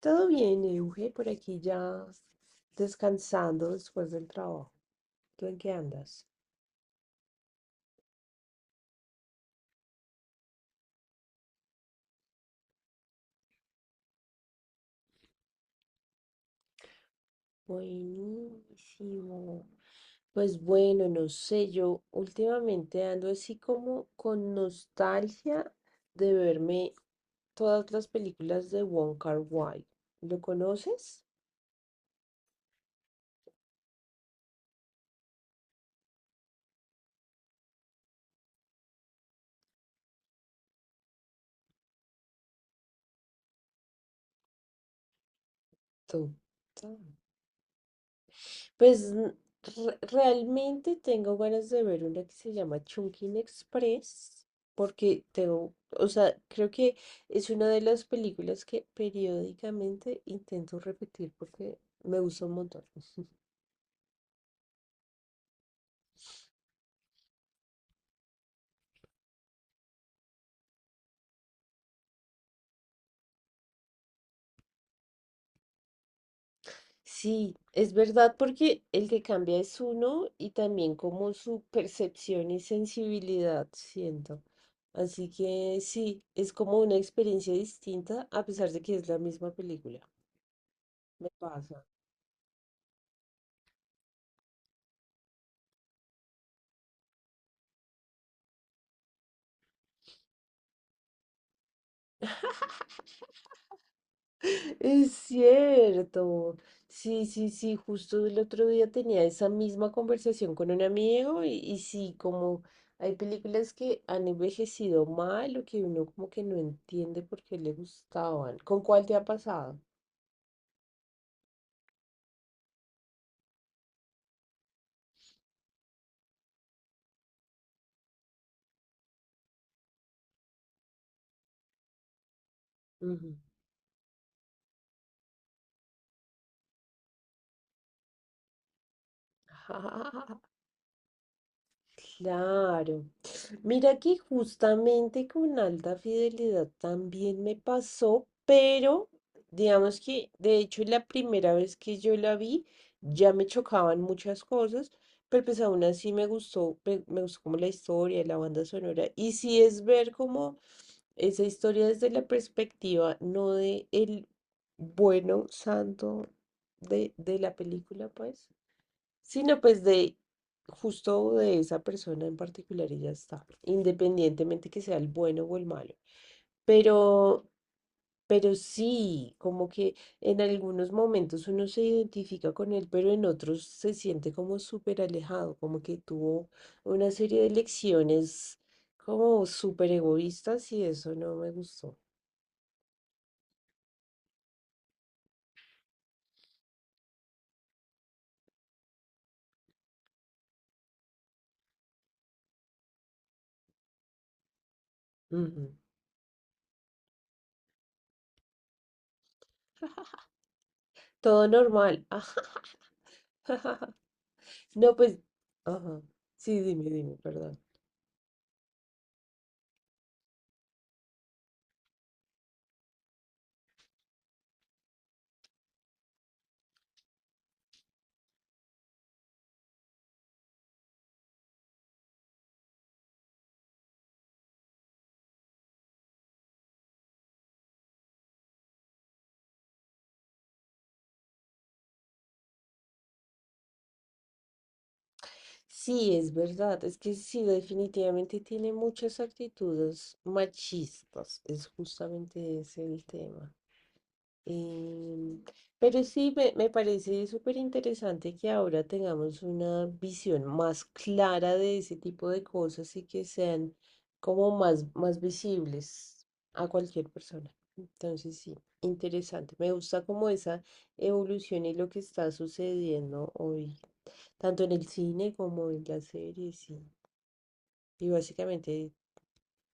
Todo bien, Euge, por aquí ya descansando después del trabajo. ¿Tú en qué andas? Buenísimo. Pues bueno, no sé, yo últimamente ando así como con nostalgia de verme todas las películas de Wong Kar-wai. ¿Lo conoces? Total. Pues realmente tengo ganas de ver una que se llama Chungking Express, porque tengo, o sea, creo que es una de las películas que periódicamente intento repetir porque me gusta un montón. Sí, es verdad porque el que cambia es uno y también como su percepción y sensibilidad, siento. Así que sí, es como una experiencia distinta a pesar de que es la misma película. Me pasa. Es cierto. Sí, sí, sí. Justo el otro día tenía esa misma conversación con un amigo y sí, como hay películas que han envejecido mal o que uno como que no entiende por qué le gustaban. ¿Con cuál te ha pasado? Ujú. Claro. Mira que justamente con alta fidelidad también me pasó, pero digamos que de hecho la primera vez que yo la vi ya me chocaban muchas cosas, pero pues aún así me gustó, me gustó como la historia, la banda sonora. Y sí es ver como esa historia desde la perspectiva, no de el bueno santo de la película, pues sino pues de justo de esa persona en particular y ya está, independientemente que sea el bueno o el malo. Pero, pero sí, como que en algunos momentos uno se identifica con él, pero en otros se siente como súper alejado, como que tuvo una serie de lecciones como súper egoístas y eso no me gustó. Ujú. Todo normal. Ajá. No, pues, ajá. Sí, dime, perdón. Sí, es verdad, es que sí, definitivamente tiene muchas actitudes machistas, es justamente ese el tema. Em, pero sí, me parece súper interesante que ahora tengamos una visión más clara de ese tipo de cosas y que sean como más visibles a cualquier persona. Entonces, sí, interesante. Me gusta como esa evolución y lo que está sucediendo hoy tanto en el cine como en las series y básicamente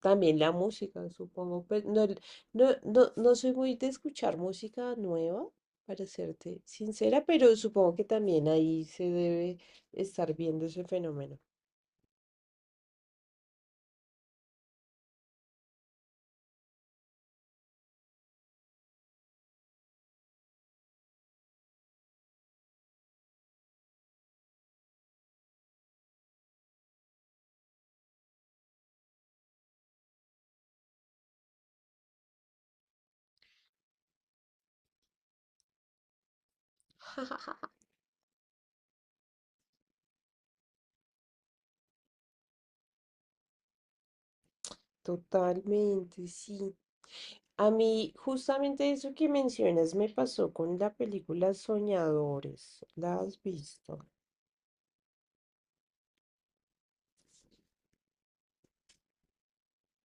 también la música, supongo. Pues no, no, no, no soy muy de escuchar música nueva, para serte sincera, pero supongo que también ahí se debe estar viendo ese fenómeno. Totalmente, sí. A mí justamente eso que mencionas me pasó con la película Soñadores. ¿La has visto?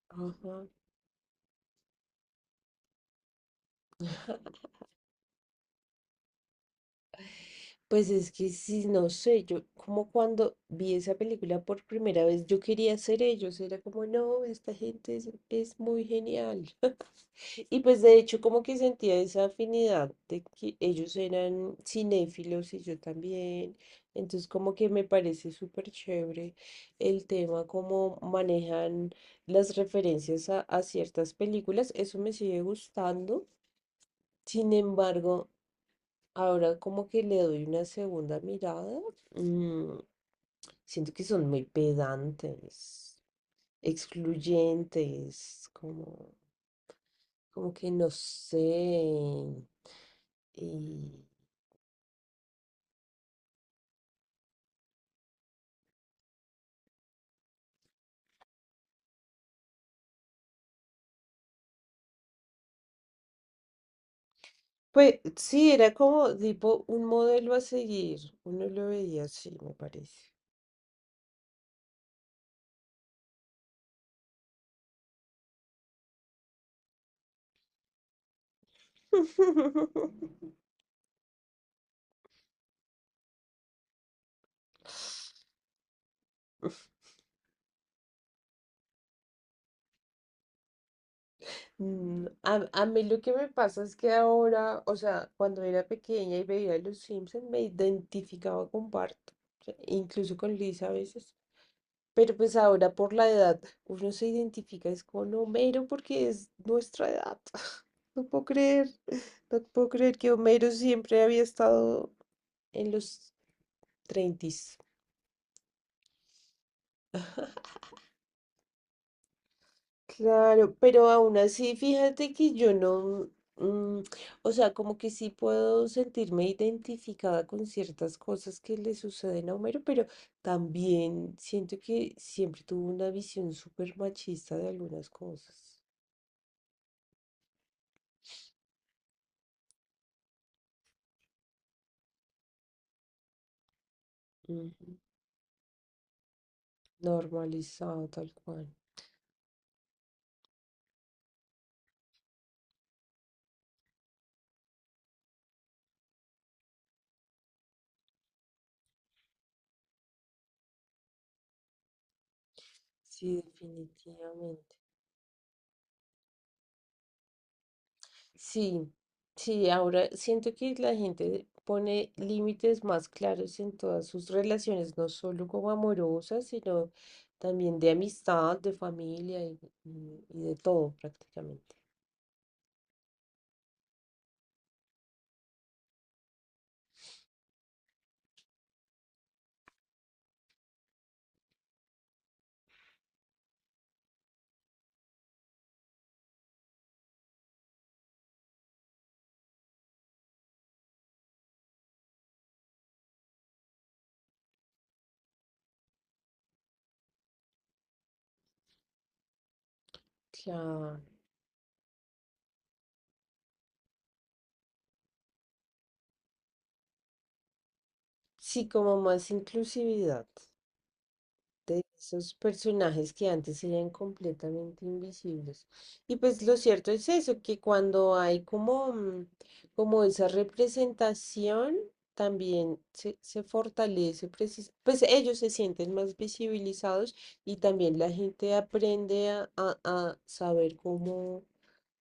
Ajá. Pues es que sí, no sé, yo como cuando vi esa película por primera vez, yo quería ser ellos, era como, no, esta gente es, muy genial. Y pues de hecho como que sentía esa afinidad de que ellos eran cinéfilos y yo también, entonces como que me parece súper chévere el tema, cómo manejan las referencias a ciertas películas, eso me sigue gustando. Sin embargo, ahora como que le doy una segunda mirada. mm, siento que son muy pedantes, excluyentes, como que no sé. Y, pues sí, era como tipo un modelo a seguir. Uno lo veía así, me parece. A mí lo que me pasa es que ahora, o sea, cuando era pequeña y veía Los Simpson, me identificaba con Bart, o sea, incluso con Lisa a veces. Pero pues ahora por la edad, uno se identifica es con Homero porque es nuestra edad. No puedo creer, no puedo creer que Homero siempre había estado en los 30. Claro, pero aún así, fíjate que yo no, mm, o sea, como que sí puedo sentirme identificada con ciertas cosas que le suceden a Homero, pero también siento que siempre tuvo una visión súper machista de algunas cosas. Ujú. Normalizado tal cual. Sí, definitivamente. Sí, sí, ahora siento que la gente pone límites más claros en todas sus relaciones, no solo como amorosas, sino también de amistad, de familia y de todo prácticamente. Claro. Sí, como más inclusividad. De esos personajes que antes eran completamente invisibles. Y pues lo cierto es eso, que cuando hay como esa representación, también se fortalece, pues ellos se sienten más visibilizados y también la gente aprende a saber cómo,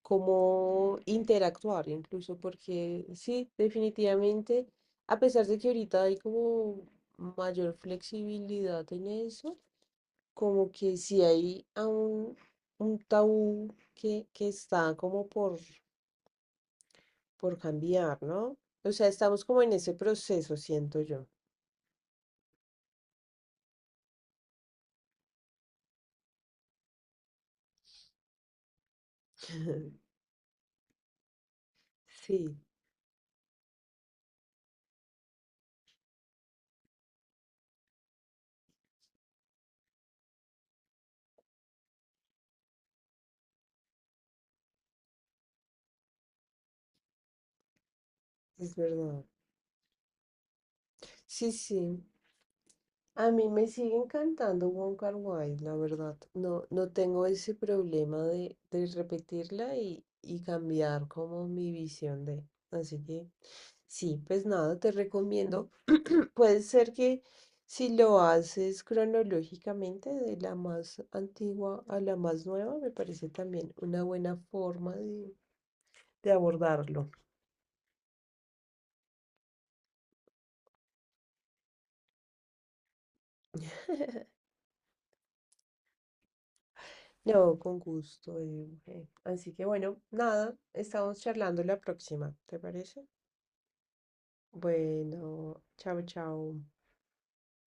cómo interactuar, incluso porque sí, definitivamente, a pesar de que ahorita hay como mayor flexibilidad en eso, como que si hay aún un tabú que está como por cambiar, ¿no? O sea, estamos como en ese proceso, siento yo. Sí, es verdad. Sí, sí. A mí me sigue encantando Wong Kar-wai, la verdad. No, no tengo ese problema de repetirla y cambiar como mi visión de. Así que sí, pues nada, te recomiendo. Puede ser que si lo haces cronológicamente, de la más antigua a la más nueva, me parece también una buena forma de abordarlo. No, con gusto, mujer. Así que bueno, nada, estamos charlando la próxima, ¿te parece? Bueno, chao, chao.